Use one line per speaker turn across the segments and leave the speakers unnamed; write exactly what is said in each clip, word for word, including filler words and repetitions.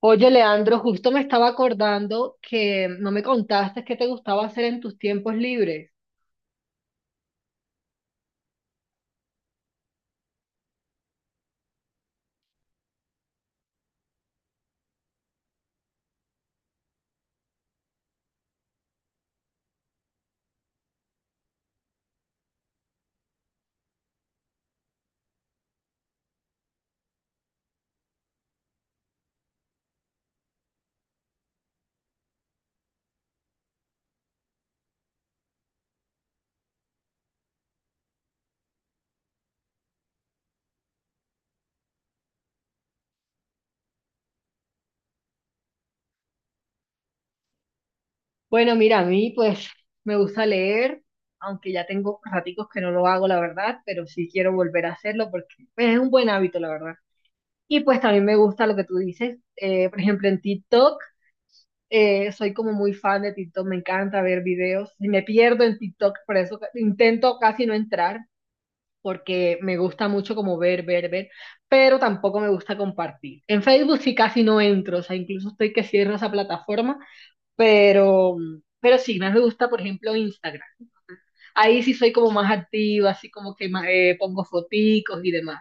Oye, Leandro, justo me estaba acordando que no me contaste qué te gustaba hacer en tus tiempos libres. Bueno, mira, a mí pues me gusta leer, aunque ya tengo raticos que no lo hago, la verdad, pero sí quiero volver a hacerlo porque pues, es un buen hábito, la verdad. Y pues también me gusta lo que tú dices, eh, por ejemplo, en TikTok, eh, soy como muy fan de TikTok, me encanta ver videos, y me pierdo en TikTok, por eso intento casi no entrar porque me gusta mucho como ver, ver, ver, pero tampoco me gusta compartir. En Facebook sí casi no entro, o sea, incluso estoy que cierro esa plataforma, pero, pero sí, más me gusta, por ejemplo, Instagram. Ahí sí soy como más activa, así como que ma- eh, pongo foticos y demás.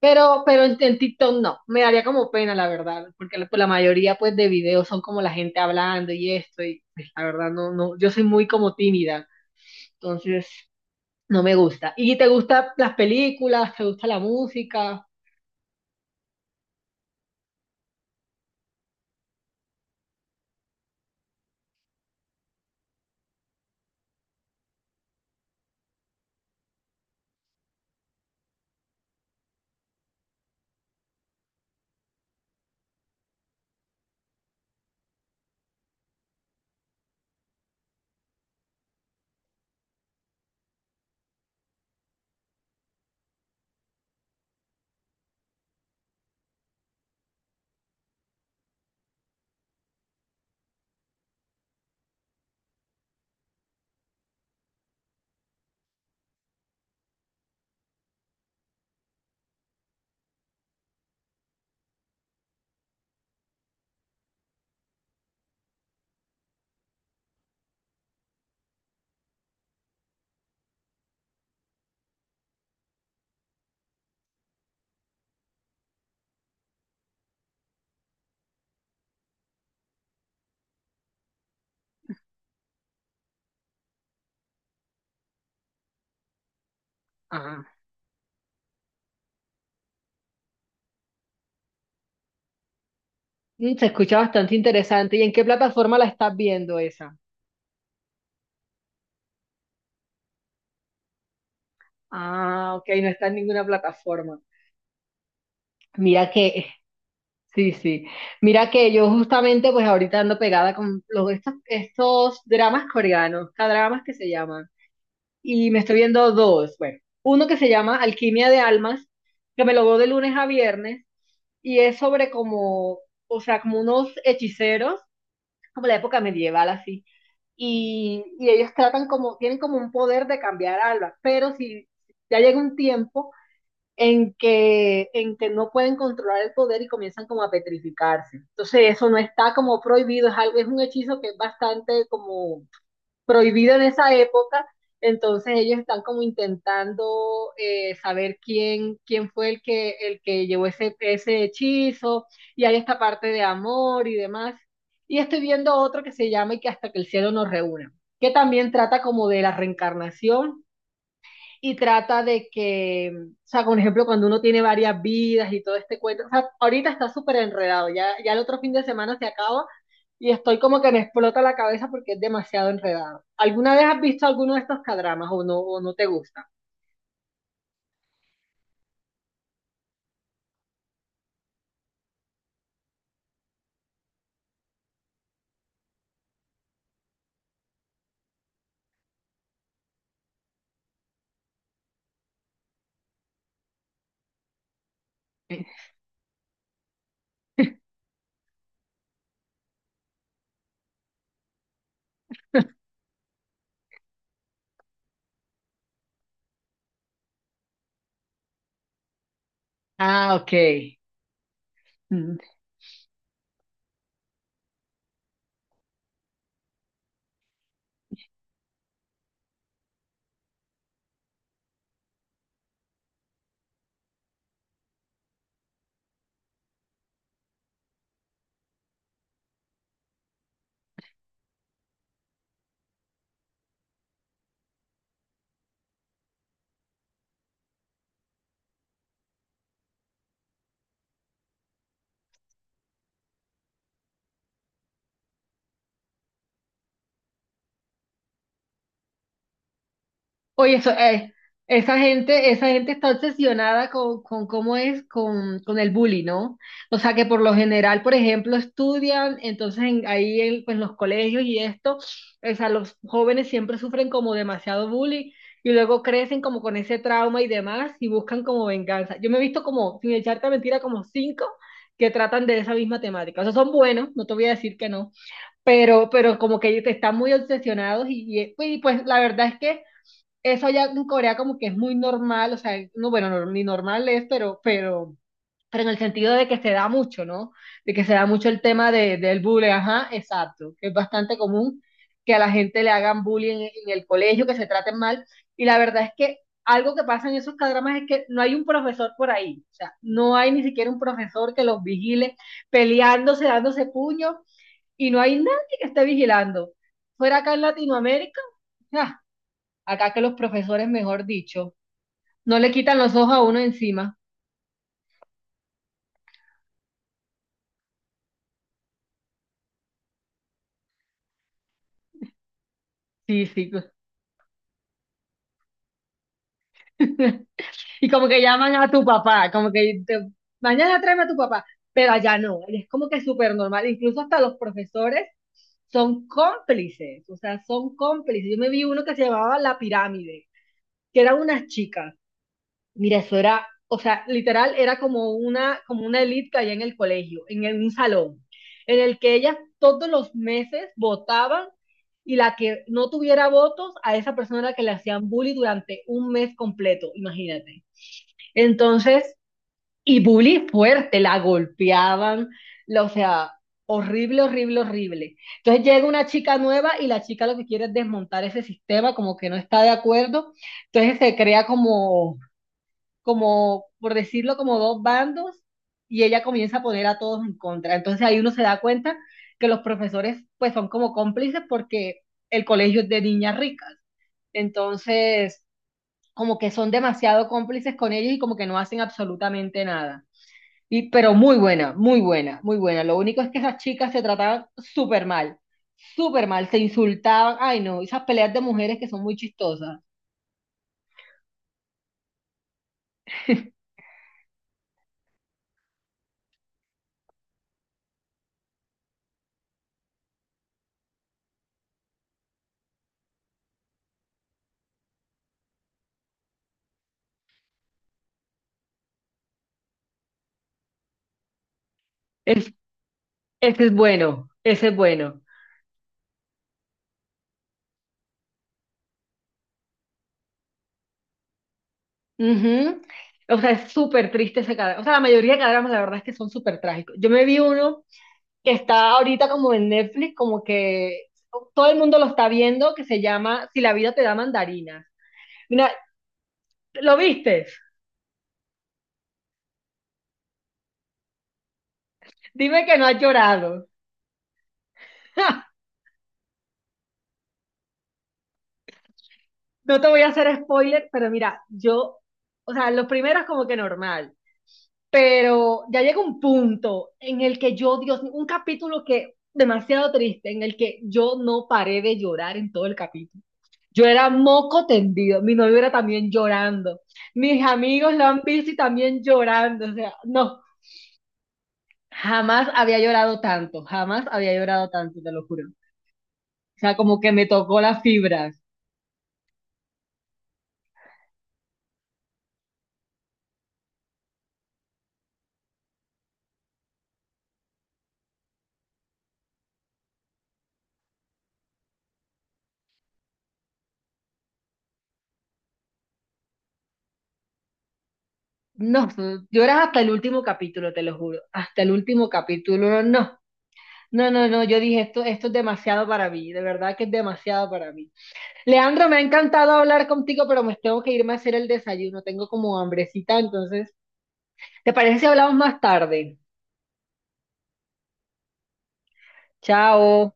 Pero, pero en, en TikTok no, me daría como pena, la verdad, porque la, pues, la mayoría pues de videos son como la gente hablando y esto, y pues, la verdad no, no, yo soy muy como tímida, entonces no me gusta. ¿Y te gustan las películas? ¿Te gusta la música? Ah, mm, se escucha bastante interesante. ¿Y en qué plataforma la estás viendo esa? Ah, ok, no está en ninguna plataforma. Mira que, sí, sí. Mira que yo justamente pues ahorita ando pegada con los, estos, estos dramas coreanos, dramas que se llaman. Y me estoy viendo dos. Bueno, uno que se llama Alquimia de Almas, que me lo veo de lunes a viernes, y es sobre como, o sea, como unos hechiceros como la época medieval así. Y, y ellos tratan como, tienen como un poder de cambiar algo, pero si ya llega un tiempo en que, en que no pueden controlar el poder y comienzan como a petrificarse. Entonces eso no está como prohibido, es algo, es un hechizo que es bastante como prohibido en esa época, entonces ellos están como intentando eh, saber quién, quién fue el que, el que llevó ese, ese hechizo, y hay esta parte de amor y demás. Y estoy viendo otro que se llama Y que hasta que el cielo nos reúna, que también trata como de la reencarnación y trata de que, o sea, por ejemplo, cuando uno tiene varias vidas y todo este cuento, o sea, ahorita está súper enredado, ya, ya el otro fin de semana se acaba y estoy como que me explota la cabeza porque es demasiado enredado. ¿Alguna vez has visto alguno de estos cadramas o no, o no te gusta? Ah, ok. Oye, eso, eh, esa gente, esa gente está obsesionada con, con cómo es con, con el bully, ¿no? O sea que por lo general, por ejemplo, estudian, entonces en- ahí en pues, los colegios y esto, o sea, los jóvenes siempre sufren como demasiado bullying y luego crecen como con ese trauma y demás y buscan como venganza. Yo me he visto como, sin echarte mentira, como cinco que tratan de esa misma temática. O sea, son buenos, no te voy a decir que no, pero, pero como que ellos están muy obsesionados y y, pues y, pues, la verdad es que eso allá en Corea como que es muy normal, o sea, no, bueno, no- ni normal es, pero, pero, pero en el sentido de que se da mucho, ¿no? De que se da mucho el tema de, del bullying, ajá, exacto, que es bastante común que a la gente le hagan bullying en, en el colegio, que se traten mal, y la verdad es que algo que pasa en esos cadramas es que no hay un profesor por ahí, o sea, no hay ni siquiera un profesor que los vigile peleándose, dándose puños, y no hay nadie que esté vigilando. Fuera acá en Latinoamérica, ja, acá que los profesores, mejor dicho, no le quitan los ojos a uno encima. Sí, sí. Y como que llaman a tu papá, como que te- mañana tráeme a tu papá, pero allá no, es como que súper normal, incluso hasta los profesores son cómplices, o sea, son cómplices. Yo me vi uno que se llamaba La Pirámide, que eran unas chicas, mira, eso era, o sea, literal era como una, como una elite que había en el colegio, en el- un salón, en el que ellas todos los meses votaban y la que no tuviera votos, a esa persona era la que le hacían bullying durante un mes completo, imagínate. Entonces, y bullying fuerte, la golpeaban, la- o sea, horrible, horrible, horrible. Entonces llega una chica nueva y la chica lo que quiere es desmontar ese sistema, como que no está de acuerdo. Entonces se crea como como, por decirlo, como dos bandos y ella comienza a poner a todos en contra. Entonces ahí uno se da cuenta que los profesores pues son como cómplices porque el colegio es de niñas ricas. Entonces, como que son demasiado cómplices con ellos y como que no hacen absolutamente nada. Y, pero muy buena, muy buena, muy buena. Lo único es que esas chicas se trataban súper mal, súper mal, se insultaban. Ay, no, esas peleas de mujeres que son muy chistosas. Es, ese es bueno, ese es bueno. Ujú. O sea, es súper triste ese cadáver. O sea, la mayoría de cadáveres, la verdad es que son súper trágicos. Yo me vi uno que está ahorita como en Netflix, como que todo el mundo lo está viendo, que se llama Si la vida te da mandarinas. Mira, ¿lo viste? Dime que no has llorado. No te voy a hacer spoiler, pero mira, yo, o sea, lo primero es como que normal, pero ya llega un punto en el que yo, Dios mío, un capítulo que demasiado triste, en el que yo no paré de llorar en todo el capítulo. Yo era moco tendido, mi novio era también llorando, mis amigos lo han visto y también llorando, o sea, no, jamás había llorado tanto, jamás había llorado tanto, te lo juro. O sea, como que me tocó las fibras. No, lloras hasta el último capítulo, te lo juro, hasta el último capítulo, no. No, no, no, yo dije, esto, esto es demasiado para mí, de verdad que es demasiado para mí. Leandro, me ha encantado hablar contigo, pero me tengo que irme a hacer el desayuno, tengo como hambrecita, entonces, ¿te parece si hablamos más tarde? Chao.